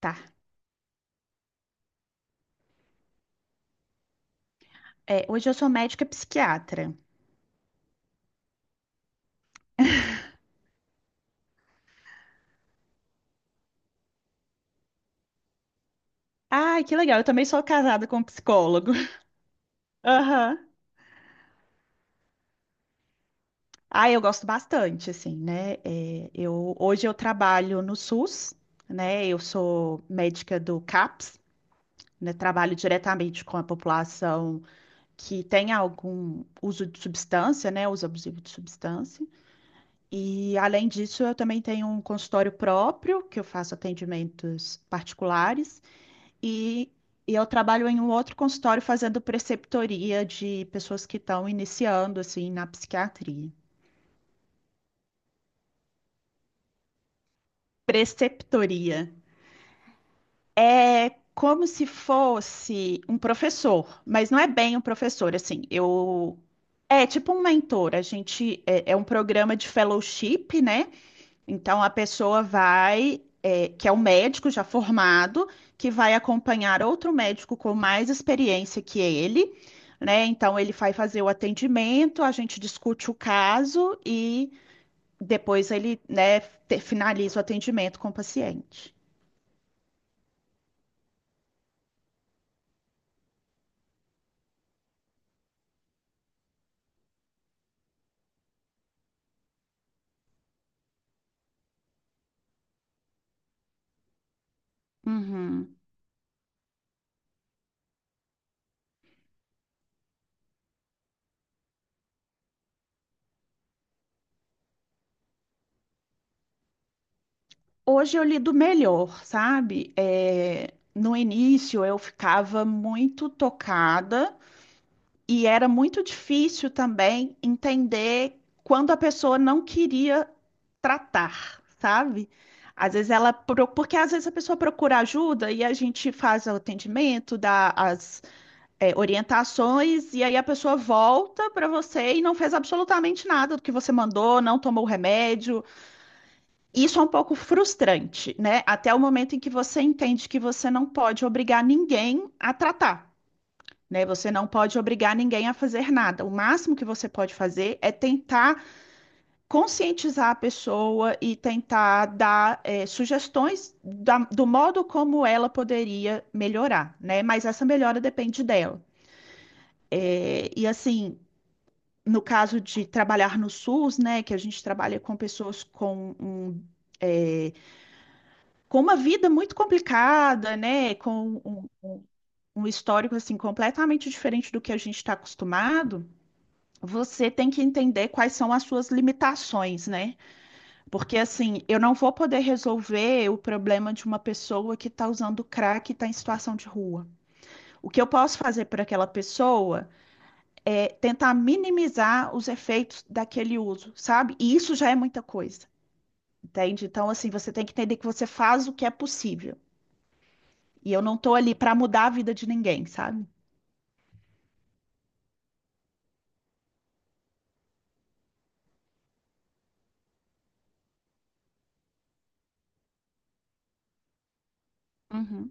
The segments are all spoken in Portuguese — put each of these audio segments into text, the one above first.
Tá. Hoje eu sou médica psiquiatra. Ai, que legal. Eu também sou casada com um psicólogo. Aham. Ah, eu gosto bastante, assim, né? Hoje eu trabalho no SUS, né? Eu sou médica do CAPS, né? Trabalho diretamente com a população que tem algum uso de substância, né? Uso abusivo de substância. E, além disso, eu também tenho um consultório próprio, que eu faço atendimentos particulares. E, e eu trabalho em um outro consultório fazendo preceptoria de pessoas que estão iniciando, assim, na psiquiatria. Preceptoria é como se fosse um professor, mas não é bem um professor, assim. Eu. É tipo um mentor. A gente. É um programa de fellowship, né? Então, a pessoa vai, que é um médico já formado, que vai acompanhar outro médico com mais experiência que ele, né? Então, ele vai fazer o atendimento, a gente discute o caso e depois ele, né, finaliza o atendimento com o paciente. Uhum. Hoje eu lido melhor, sabe? No início eu ficava muito tocada. E era muito difícil também entender quando a pessoa não queria tratar, sabe? Às vezes ela, porque às vezes a pessoa procura ajuda e a gente faz o atendimento, dá as, orientações, e aí a pessoa volta para você e não fez absolutamente nada do que você mandou, não tomou o remédio. Isso é um pouco frustrante, né? Até o momento em que você entende que você não pode obrigar ninguém a tratar, né? Você não pode obrigar ninguém a fazer nada. O máximo que você pode fazer é tentar conscientizar a pessoa e tentar dar sugestões do modo como ela poderia melhorar, né? Mas essa melhora depende dela. E assim, no caso de trabalhar no SUS, né, que a gente trabalha com pessoas com um, eh, com uma vida muito complicada, né, com um histórico assim completamente diferente do que a gente está acostumado. Você tem que entender quais são as suas limitações, né? Porque assim, eu não vou poder resolver o problema de uma pessoa que está usando crack e está em situação de rua. O que eu posso fazer para aquela pessoa é tentar minimizar os efeitos daquele uso, sabe? E isso já é muita coisa, entende? Então, assim, você tem que entender que você faz o que é possível. E eu não estou ali para mudar a vida de ninguém, sabe? Uhum,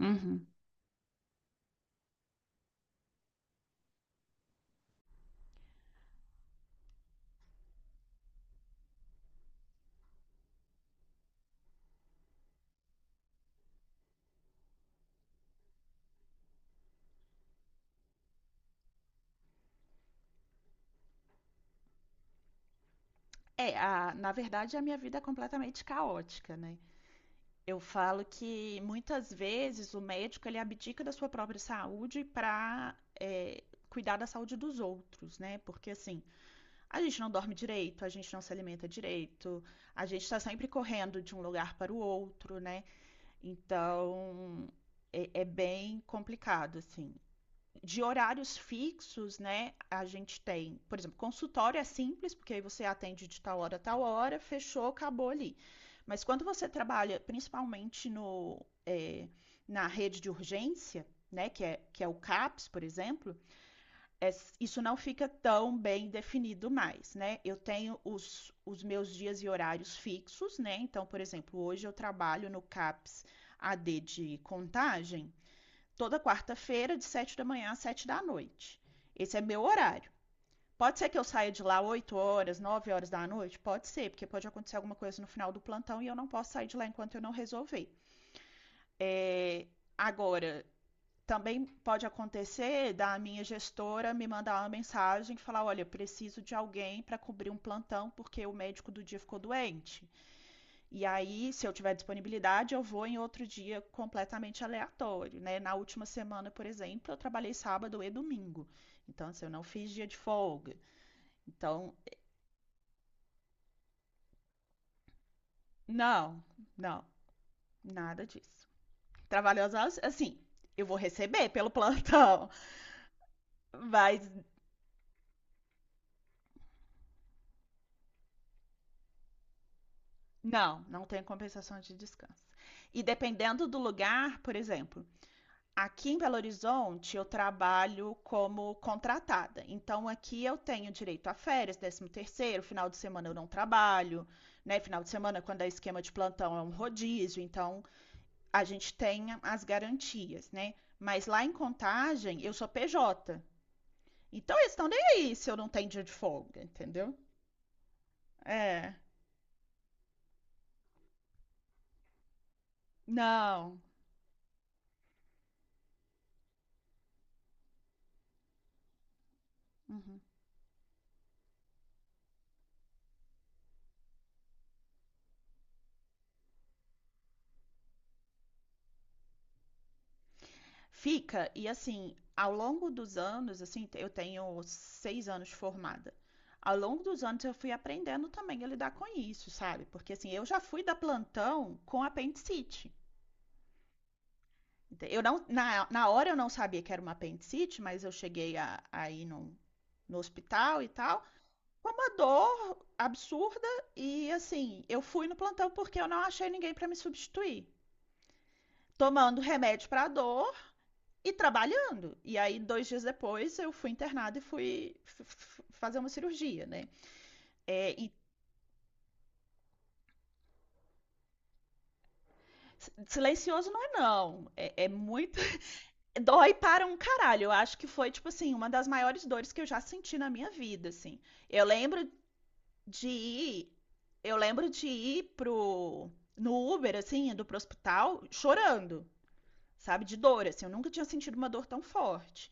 uhum. Na verdade, a minha vida é completamente caótica, né? Eu falo que muitas vezes o médico ele abdica da sua própria saúde para cuidar da saúde dos outros, né? Porque assim, a gente não dorme direito, a gente não se alimenta direito, a gente está sempre correndo de um lugar para o outro, né? Então é bem complicado, assim, de horários fixos, né? A gente tem, por exemplo, consultório é simples, porque aí você atende de tal hora a tal hora, fechou, acabou ali. Mas quando você trabalha principalmente no, na rede de urgência, né, que é o CAPS, por exemplo, é, isso não fica tão bem definido mais, né? Eu tenho os meus dias e horários fixos, né? Então, por exemplo, hoje eu trabalho no CAPS AD de contagem, toda quarta-feira, de 7 da manhã às 7 da noite. Esse é meu horário. Pode ser que eu saia de lá 8 horas, 9 horas da noite? Pode ser, porque pode acontecer alguma coisa no final do plantão e eu não posso sair de lá enquanto eu não resolver. É, Agora, também pode acontecer da minha gestora me mandar uma mensagem e falar: olha, preciso de alguém para cobrir um plantão porque o médico do dia ficou doente. E aí, se eu tiver disponibilidade, eu vou em outro dia completamente aleatório, né? Na última semana, por exemplo, eu trabalhei sábado e domingo. Então, assim, eu não fiz dia de folga. Então, não, não, nada disso. Trabalhei às horas, assim, eu vou receber pelo plantão, mas não, não tem compensação de descanso. E dependendo do lugar, por exemplo, aqui em Belo Horizonte, eu trabalho como contratada. Então, aqui eu tenho direito a férias, décimo terceiro, final de semana eu não trabalho, né? Final de semana, quando é esquema de plantão, é um rodízio. Então, a gente tem as garantias, né? Mas lá em Contagem, eu sou PJ. Então, eles estão nem aí se eu não tenho dia de folga, entendeu? É. Não. Uhum. Fica, e assim, ao longo dos anos, assim, eu tenho 6 anos formada. Ao longo dos anos eu fui aprendendo também a lidar com isso, sabe? Porque assim, eu já fui da plantão com apendicite. Eu não, na hora eu não sabia que era uma apendicite, mas eu cheguei a ir no hospital e tal, com uma dor absurda e assim, eu fui no plantão porque eu não achei ninguém para me substituir. Tomando remédio para dor, e trabalhando. E aí, 2 dias depois, eu fui internada e fui fazer uma cirurgia, né? É, e Silencioso não é não. É muito. Dói para um caralho. Eu acho que foi, tipo assim, uma das maiores dores que eu já senti na minha vida, assim. Eu lembro de ir. Eu lembro de ir pro. No Uber, assim, indo pro hospital, chorando, sabe? De dor, assim. Eu nunca tinha sentido uma dor tão forte.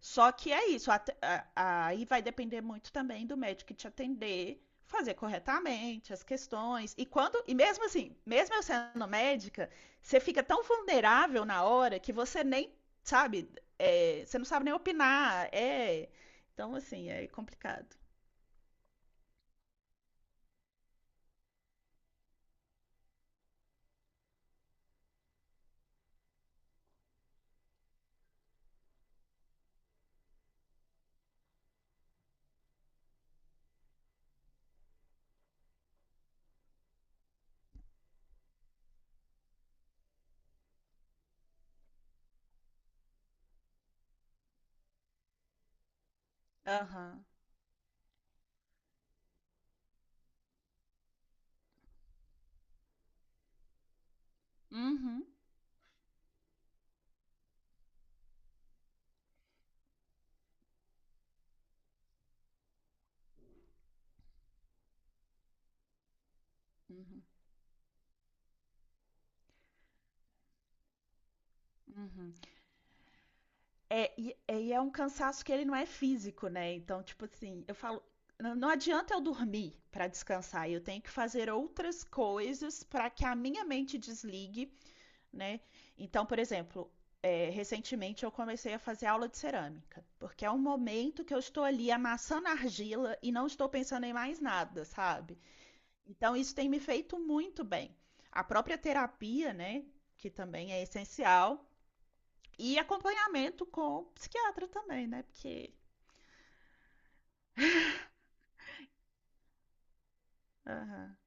Só que é isso, aí vai depender muito também do médico que te atender, fazer corretamente as questões. E quando, e mesmo assim, mesmo eu sendo médica, você fica tão vulnerável na hora que você nem sabe, você não sabe nem opinar. Então, assim, é complicado. Aham. Uhum. Uhum. Uhum. É um cansaço que ele não é físico, né? Então, tipo assim, eu falo, não adianta eu dormir para descansar, eu tenho que fazer outras coisas para que a minha mente desligue, né? Então, por exemplo, recentemente eu comecei a fazer aula de cerâmica, porque é um momento que eu estou ali amassando argila e não estou pensando em mais nada, sabe? Então, isso tem me feito muito bem. A própria terapia, né? Que também é essencial, e acompanhamento com psiquiatra também, né? Porque. Aham.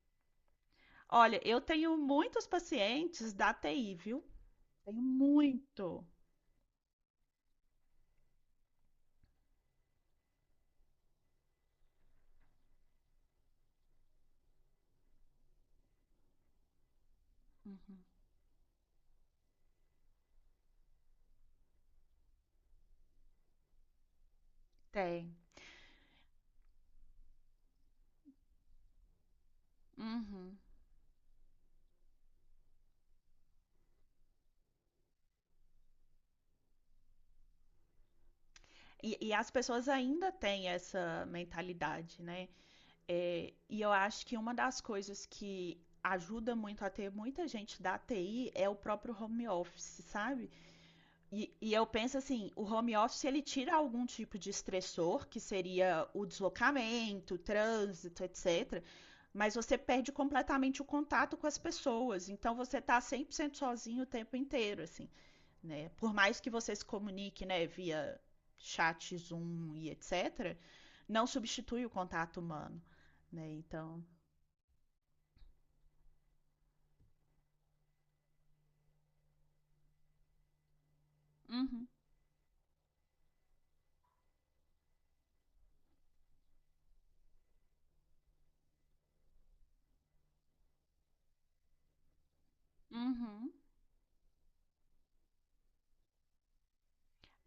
Olha, eu tenho muitos pacientes da TI, viu? Tenho muito. Uhum. Tem. Uhum. E as pessoas ainda têm essa mentalidade, né? Eu acho que uma das coisas que ajuda muito a ter muita gente da TI é o próprio home office, sabe? E eu penso assim, o home office ele tira algum tipo de estressor, que seria o deslocamento, o trânsito, etc. Mas você perde completamente o contato com as pessoas. Então você tá 100% sozinho o tempo inteiro, assim, né? Por mais que você se comunique, né, via chat, Zoom e etc, não substitui o contato humano, né? Então, uhum, uhum.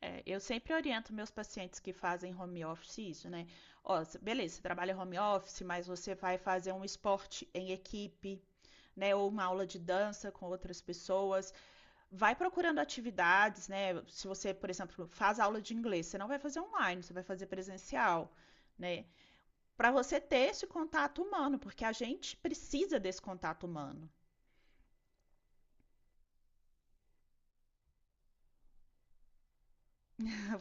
Eu sempre oriento meus pacientes que fazem home office isso, né? Ó, beleza, você trabalha home office, mas você vai fazer um esporte em equipe, né? Ou uma aula de dança com outras pessoas. Vai procurando atividades, né? Se você, por exemplo, faz aula de inglês, você não vai fazer online, você vai fazer presencial, né? Para você ter esse contato humano, porque a gente precisa desse contato humano.